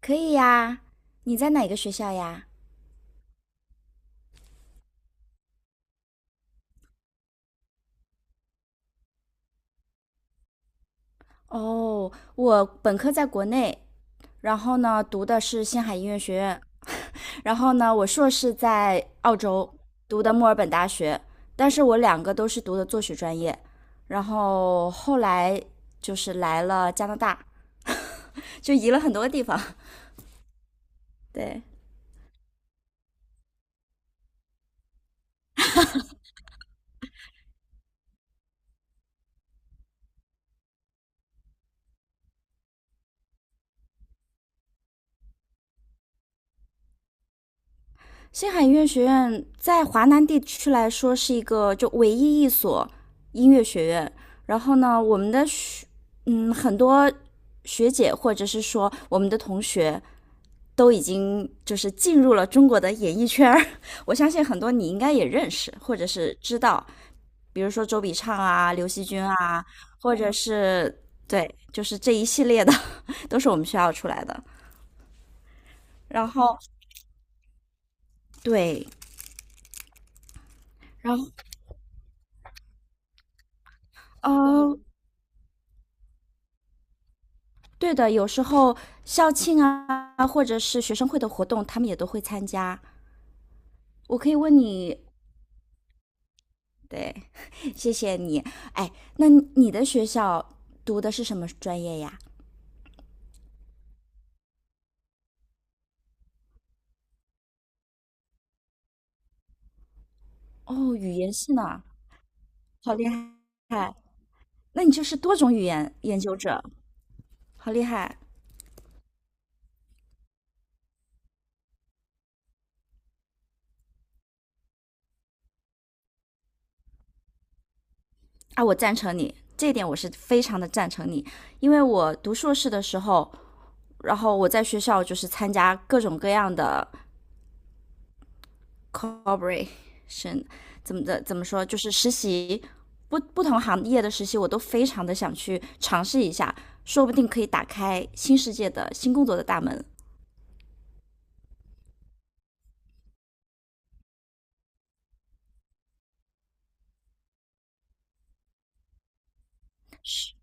可以呀。你在哪个学校呀？哦，我本科在国内，然后呢读的是星海音乐学院，然后呢我硕士在澳洲读的墨尔本大学，但是我两个都是读的作曲专业，然后后来就是来了加拿大，就移了很多地方。对，星海音乐学院在华南地区来说是一个就唯一一所音乐学院。然后呢，我们的学很多学姐或者是说我们的同学都已经就是进入了中国的演艺圈，我相信很多你应该也认识或者是知道，比如说周笔畅啊、刘惜君啊，或者是对，就是这一系列的 都是我们学校出来的。然后对，然后呃，对的，有时候校庆啊，或者是学生会的活动，他们也都会参加。我可以问你，对，谢谢你。哎，那你的学校读的是什么专业呀？哦，语言系呢，好厉害！那你就是多种语言研究者，好厉害啊！我赞成你这一点，我是非常的赞成你，因为我读硕士的时候，然后我在学校就是参加各种各样的 c o l p a o r a t i o n 怎么的怎么说，就是实习不同行业的实习，我都非常的想去尝试一下，说不定可以打开新世界的新工作的大门。是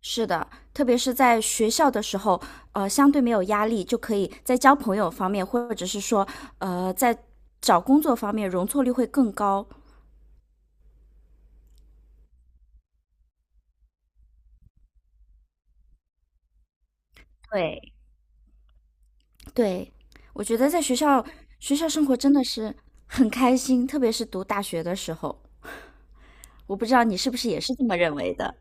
是的，特别是在学校的时候，相对没有压力，就可以在交朋友方面，或者是说，在找工作方面容错率会更高。对，对，我觉得在学校生活真的是很开心，特别是读大学的时候。我不知道你是不是也是这么认为的，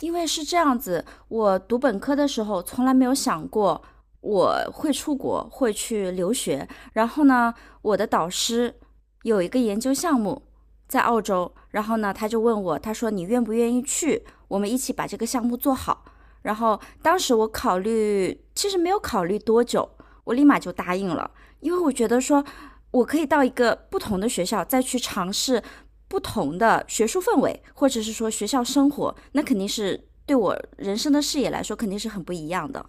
因为是这样子，我读本科的时候从来没有想过我会出国，会去留学。然后呢，我的导师有一个研究项目在澳洲，然后呢，他就问我，他说你愿不愿意去？我们一起把这个项目做好。然后当时我考虑，其实没有考虑多久，我立马就答应了。因为我觉得说，我可以到一个不同的学校再去尝试不同的学术氛围，或者是说学校生活，那肯定是对我人生的视野来说肯定是很不一样的。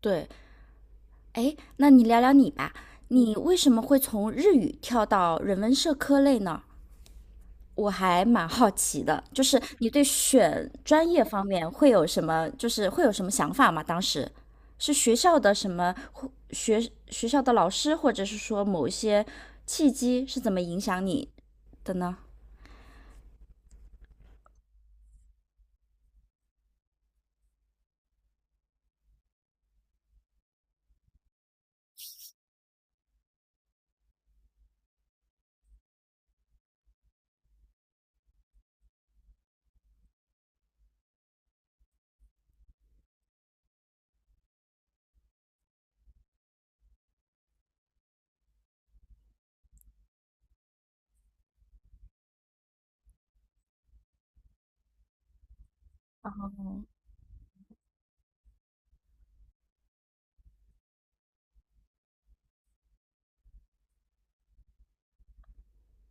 对，哎，那你聊聊你吧，你为什么会从日语跳到人文社科类呢？我还蛮好奇的，就是你对选专业方面会有什么，就是会有什么想法吗？当时是学校的什么或学校的老师，或者是说某一些契机是怎么影响你的呢？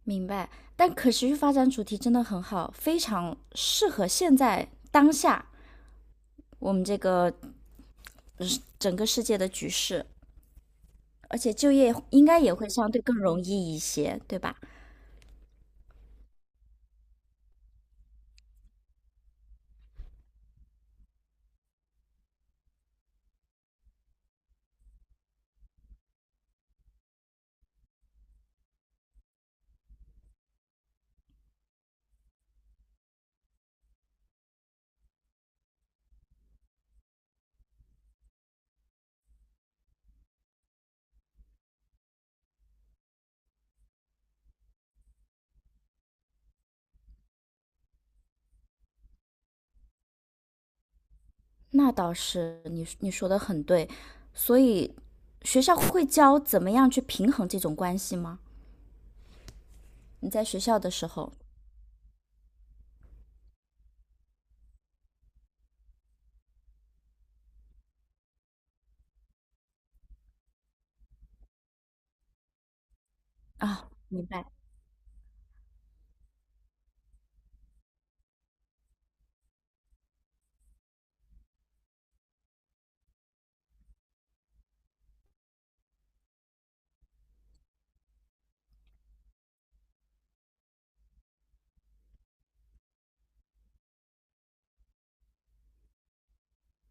明白。但可持续发展主题真的很好，非常适合现在当下我们这个整个世界的局势，而且就业应该也会相对更容易一些，对吧？那倒是，你说的很对。所以学校会教怎么样去平衡这种关系吗？你在学校的时候啊，明白。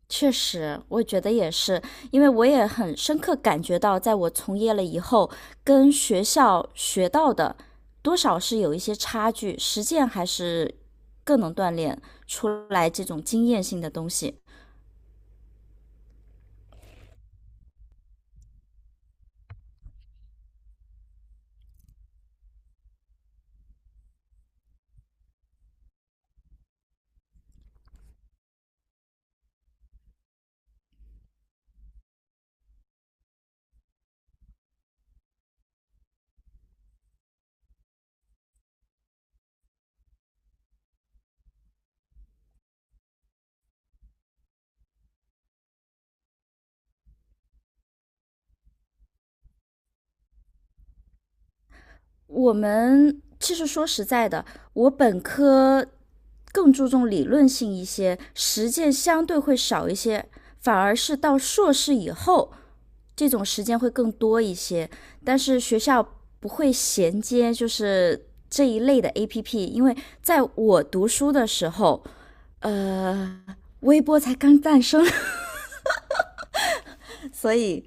确实，我觉得也是，因为我也很深刻感觉到，在我从业了以后，跟学校学到的多少是有一些差距，实践还是更能锻炼出来这种经验性的东西。我们其实说实在的，我本科更注重理论性一些，实践相对会少一些，反而是到硕士以后，这种时间会更多一些。但是学校不会衔接就是这一类的 APP,因为在我读书的时候，呃，微博才刚诞生，所以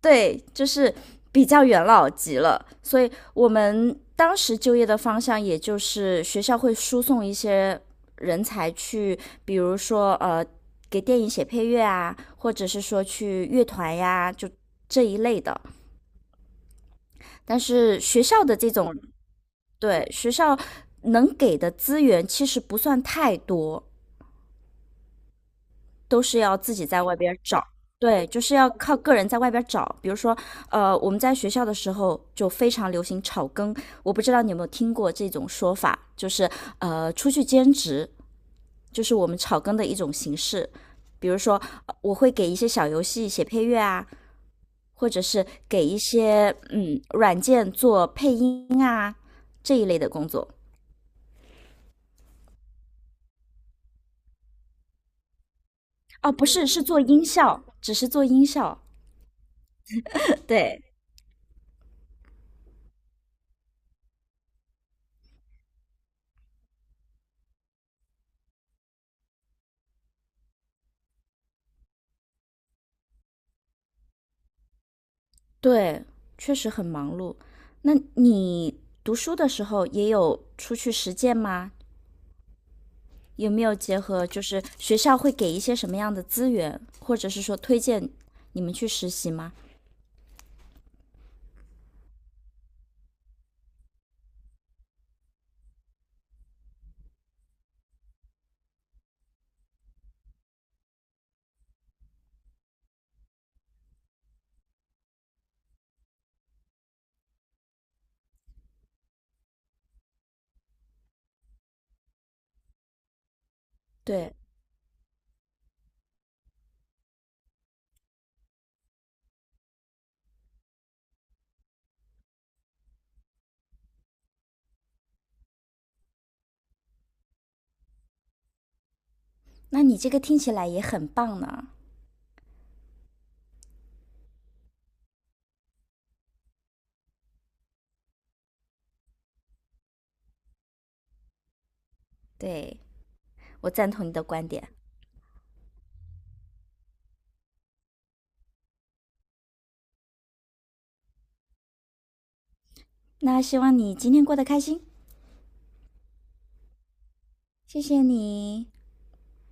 对，就是比较元老级了，所以我们当时就业的方向，也就是学校会输送一些人才去，比如说给电影写配乐啊，或者是说去乐团呀，就这一类的。但是学校的这种，对，学校能给的资源其实不算太多，都是要自己在外边找。对，就是要靠个人在外边找。比如说，我们在学校的时候就非常流行炒更，我不知道你有没有听过这种说法，就是出去兼职，就是我们炒更的一种形式。比如说，我会给一些小游戏写配乐啊，或者是给一些软件做配音啊这一类的工作。哦，不是，是做音效，只是做音效。对，对，确实很忙碌。那你读书的时候也有出去实践吗？有没有结合就是学校会给一些什么样的资源，或者是说推荐你们去实习吗？对，那你这个听起来也很棒呢。对，我赞同你的观点。那希望你今天过得开心，谢谢你。